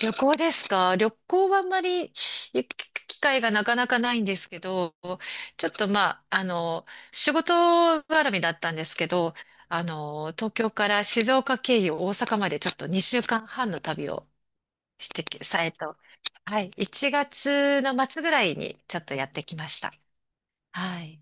旅行ですか？旅行はあんまり行く機会がなかなかないんですけど、ちょっと、まあ、仕事絡みだったんですけど、東京から静岡経由大阪までちょっと2週間半の旅をしてき、さえと、はい、1月の末ぐらいにちょっとやってきました。はい。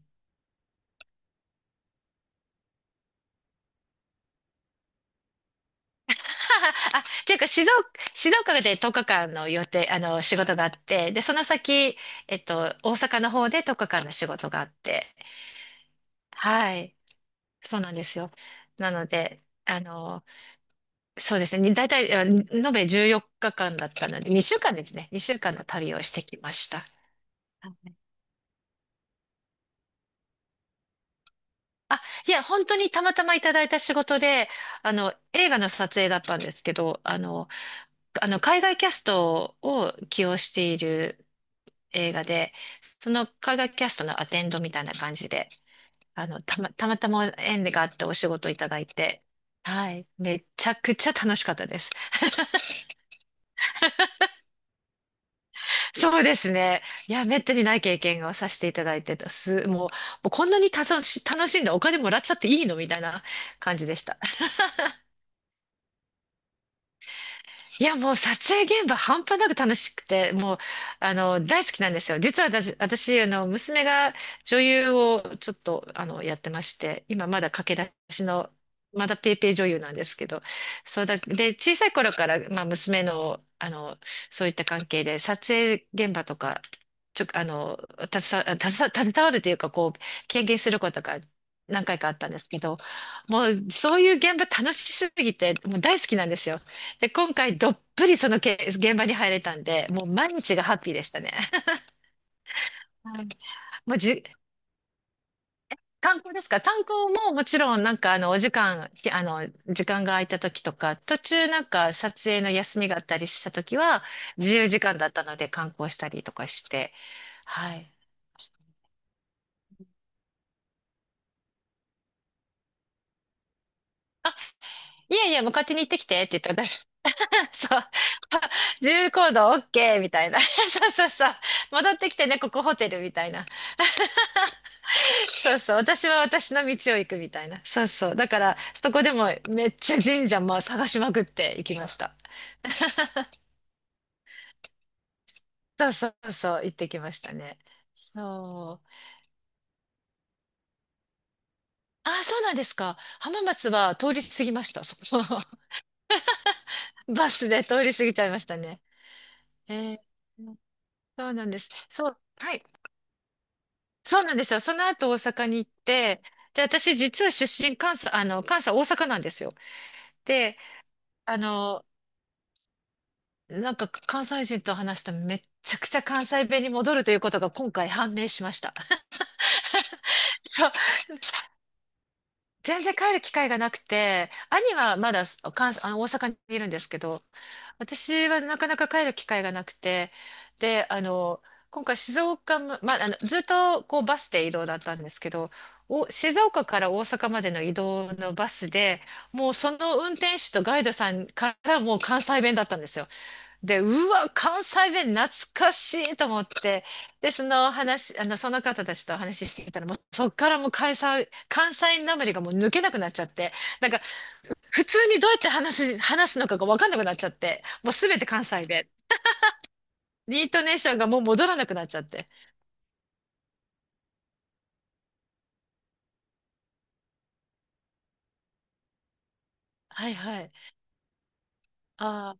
あ、っていうか、静岡で10日間の予定、仕事があって、で、その先、大阪の方で10日間の仕事があって、はい。そうなんですよ。なので、そうですね。大体、延べ14日間だったので、2週間ですね。2週間の旅をしてきました。あ、いや、本当にたまたまいただいた仕事で、映画の撮影だったんですけど、海外キャストを起用している映画で、その海外キャストのアテンドみたいな感じで、たまたま縁があってお仕事いただいて、はい、めちゃくちゃ楽しかったです。そうですね。いや、めったにない経験をさせていただいてたす。もうこんなに楽しんでお金もらっちゃっていいのみたいな感じでした。いや、もう撮影現場半端なく楽しくて、もう、あの、大好きなんですよ。実は私娘が女優をちょっと、やってまして、今まだ駆け出しの、まだペーペー女優なんですけど、そうだ、で、小さい頃から、まあ、娘の、そういった関係で、撮影現場とか、ちょ、あの、携わ、携わ携わるというか、こう、経験することが何回かあったんですけど、もう、そういう現場楽しすぎて、もう大好きなんですよ。で、今回どっぷりその現場に入れたんで、もう毎日がハッピーでしたね。はい。もうじ、観光ですか？観光ももちろん、なんかあのお時間、きあの、時間が空いた時とか、途中なんか撮影の休みがあったりした時は、自由時間だったので観光したりとかして、はい。いやいや、もう勝手に行ってきてって言ったら、そう、自由行動 OK みたいな。そうそうそう。戻ってきてね、ここホテルみたいな。そうそう。私は私の道を行くみたいな。そうそう。だから、そこでもめっちゃ神社も探しまくって行きました。そうそうそう。行ってきましたね。そう。あ、そうなんですか。浜松は通り過ぎました。そこ。バスで通り過ぎちゃいましたね。えーそうなんです。そう。はい。そうなんですよ。その後大阪に行って、で、私実は出身関西、あの、関西大阪なんですよ。で、あの、なんか関西人と話したらめっちゃくちゃ関西弁に戻るということが今回判明しました。そう、全然帰る機会がなくて、兄はまだ関あの大阪にいるんですけど、私はなかなか帰る機会がなくて、で、今回静岡ま、まあ、ずっとこうバスで移動だったんですけど、静岡から大阪までの移動のバスで、もうその運転手とガイドさんからもう関西弁だったんですよ。で、うわ、関西弁懐かしいと思って、で、その話、あの、その方たちと話してたら、もうそっからもう関西なまりがもう抜けなくなっちゃって、なんか、普通にどうやって話すのかがわかんなくなっちゃって、もうすべて関西弁。イントネーションがもう戻らなくなっちゃって。はいはい。あ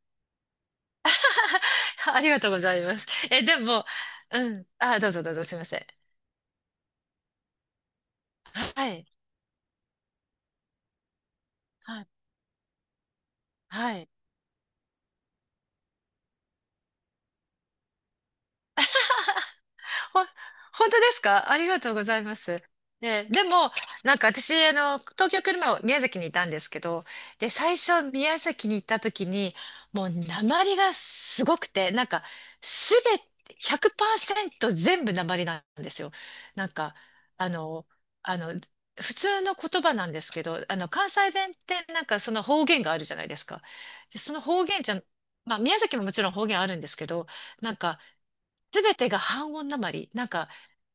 あ、ありがとうございます。え、でも、うん。あ、どうぞどうぞ、すいません。はい。はい。はい。ほ、本当ですか？ありがとうございます。ね、でも、なんか私、東京来る前は宮崎にいたんですけど、で、最初宮崎に行った時に、もう鉛がすごくて、なんか、すべて、100%全部鉛なんですよ。なんか、あの、あの、普通の言葉なんですけど、関西弁ってなんかその方言があるじゃないですか。でその方言じゃん、まあ宮崎ももちろん方言あるんですけど、なんか、すべてが半音鉛。なんか、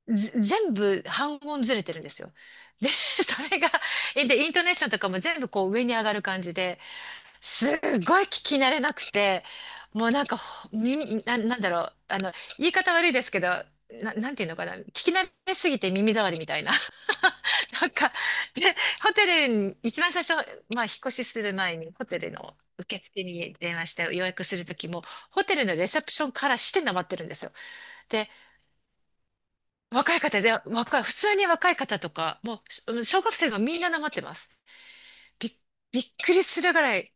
ぜ全部半音ずれてるんですよ。で、それが、で、イントネーションとかも全部こう上に上がる感じで、すっごい聞き慣れなくて、もうなんか、ほ耳な、なんだろう、言い方悪いですけど、なんていうのかな、聞き慣れすぎて耳障りみたいな。なんか、で、ホテルに、一番最初、まあ、引っ越しする前に、ホテルの受付に電話して予約するときも、ホテルのレセプションからしてなまってるんですよ。若い方で、普通に若い方とか、もう、小学生がみんななまってます。びっ、びっくりするぐらい、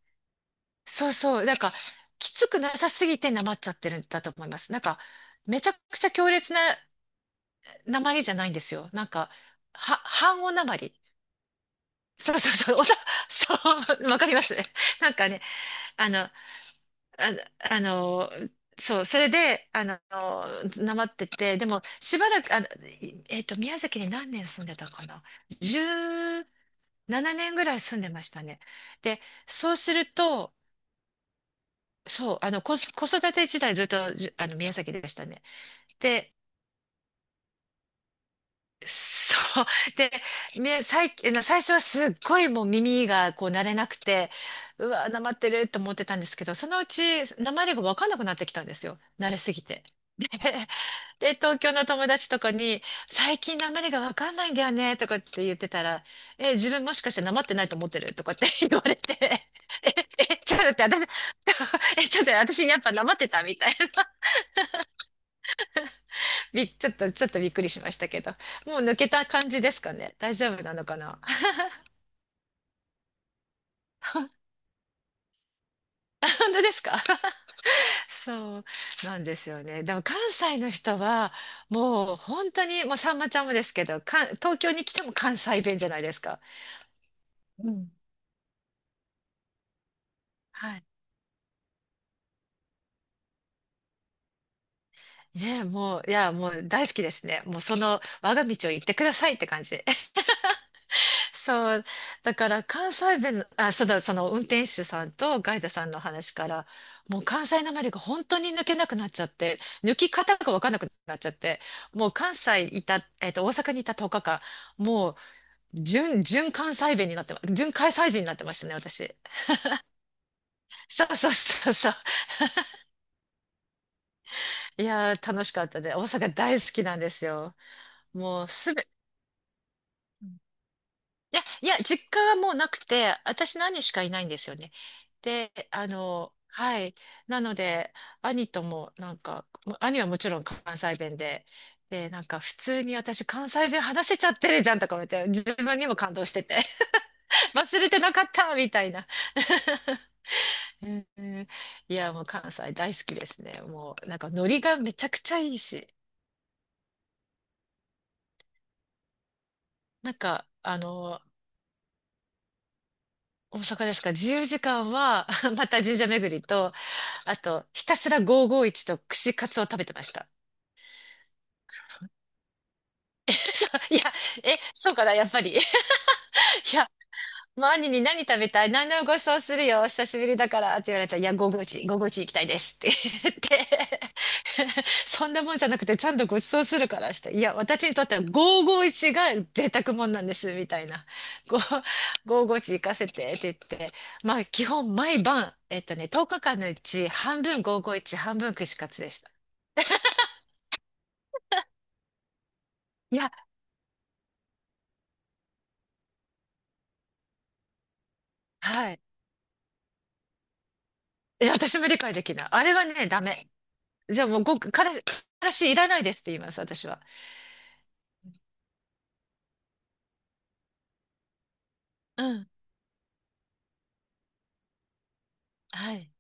そうそう、なんか、きつくなさすぎてなまっちゃってるんだと思います。なんか、めちゃくちゃ強烈ななまりじゃないんですよ。なんか、半音なまり。そうそうそう、そう、わかります。なんかね、あの、あ、あの、そう、それで、なまってて、でも、しばらく、あの、いえっと、宮崎に何年住んでたかな。じゅう7年ぐらい住んでましたね。で、そうすると、そう、子育て時代ずっと、じあの、宮崎でしたね。で、そう、で、み最、あの最初はすっごいもう耳がこう慣れなくて、うわ、なまってると思ってたんですけど、そのうち、なまりがわかんなくなってきたんですよ。慣れすぎて。でで、東京の友達とかに、最近なまりがわかんないんだよね、とかって言ってたら、え、自分もしかしてなまってないと思ってるとかって 言われて、え、ちょっと待って、私、え、ちょっと私やっぱなまってたみたいな。び、ちょっと、ちょっとびっくりしましたけど。もう抜けた感じですかね。大丈夫なのかな？ 本当ですか？ そうなんですよね。でも関西の人は、もう本当に、もうさんまちゃんもですけど、東京に来ても関西弁じゃないですか。うん。はい。ねえ、もう、いや、もう大好きですね。もうその我が道を行ってくださいって感じで。そう、だから関西弁の、あ、そうだ、その運転手さんとガイドさんの話から、もう関西なまりが本当に抜けなくなっちゃって、抜き方がわかんなくなっちゃって、もう関西いた、えっと、大阪にいた10日間、もう純関西弁になってま、純関西人になってましたね、私。そうそうそうそう。いやー、楽しかったで、大阪大好きなんですよ。もうすべ、いや、いや、実家はもうなくて、私の兄しかいないんですよね。で、はい。なので、兄とも、なんか、兄はもちろん関西弁で、で、なんか、普通に私、関西弁話せちゃってるじゃんとか思って、自分にも感動してて、忘れてなかったみたいな。うんうん。いや、もう関西大好きですね。もう、なんか、ノリがめちゃくちゃいいし、なんか、大阪ですか？自由時間は また神社巡りと、あと、ひたすら551と串カツを食べてました。そういや、え、そうかな、やっぱり。いや、もう兄に、何食べたい、何でもごちそうするよ、久しぶりだからって言われたら、いや、551、551行きたいですって言って、そんなもんじゃなくて、ちゃんとごちそうするからして、いや、私にとっては551が贅沢もんなんです、みたいな。ご551行かせてって言って、まあ、基本毎晩、10日間のうち半分551、半分串カツでした。いや、はい。いや、私も理解できない。あれはね、ダメ。じゃあもうごく、からし、からしいらないですって言います、私は。うん。はい。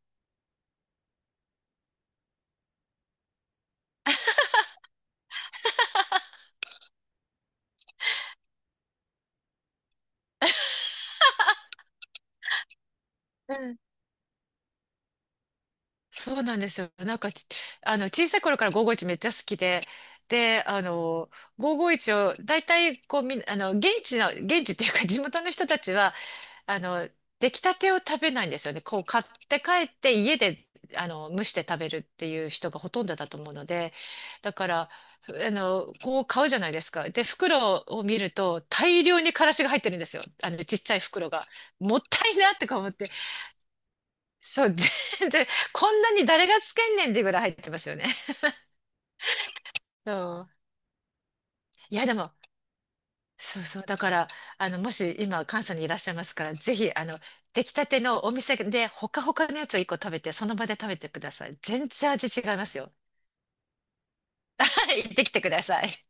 うん。そうなんですよ。なんかち、あの、小さい頃から551めっちゃ好きで、で、551を、大体、こう、みん、あの、現地の、現地っていうか、地元の人たちは、あの、出来たてを食べないんですよね。こう買って帰って家で蒸して食べるっていう人がほとんどだと思うので、だからこう買うじゃないですか。で、袋を見ると大量にからしが入ってるんですよ。あのちっちゃい袋が。もったいなってか思って。そう、全然こんなに誰がつけんねんってぐらい入ってますよね。そう。いや、でもそうそう。だから、もし今、関西にいらっしゃいますから、ぜひ、出来たてのお店で、ほかほかのやつを一個食べて、その場で食べてください。全然味違いますよ。はい、行ってきてください。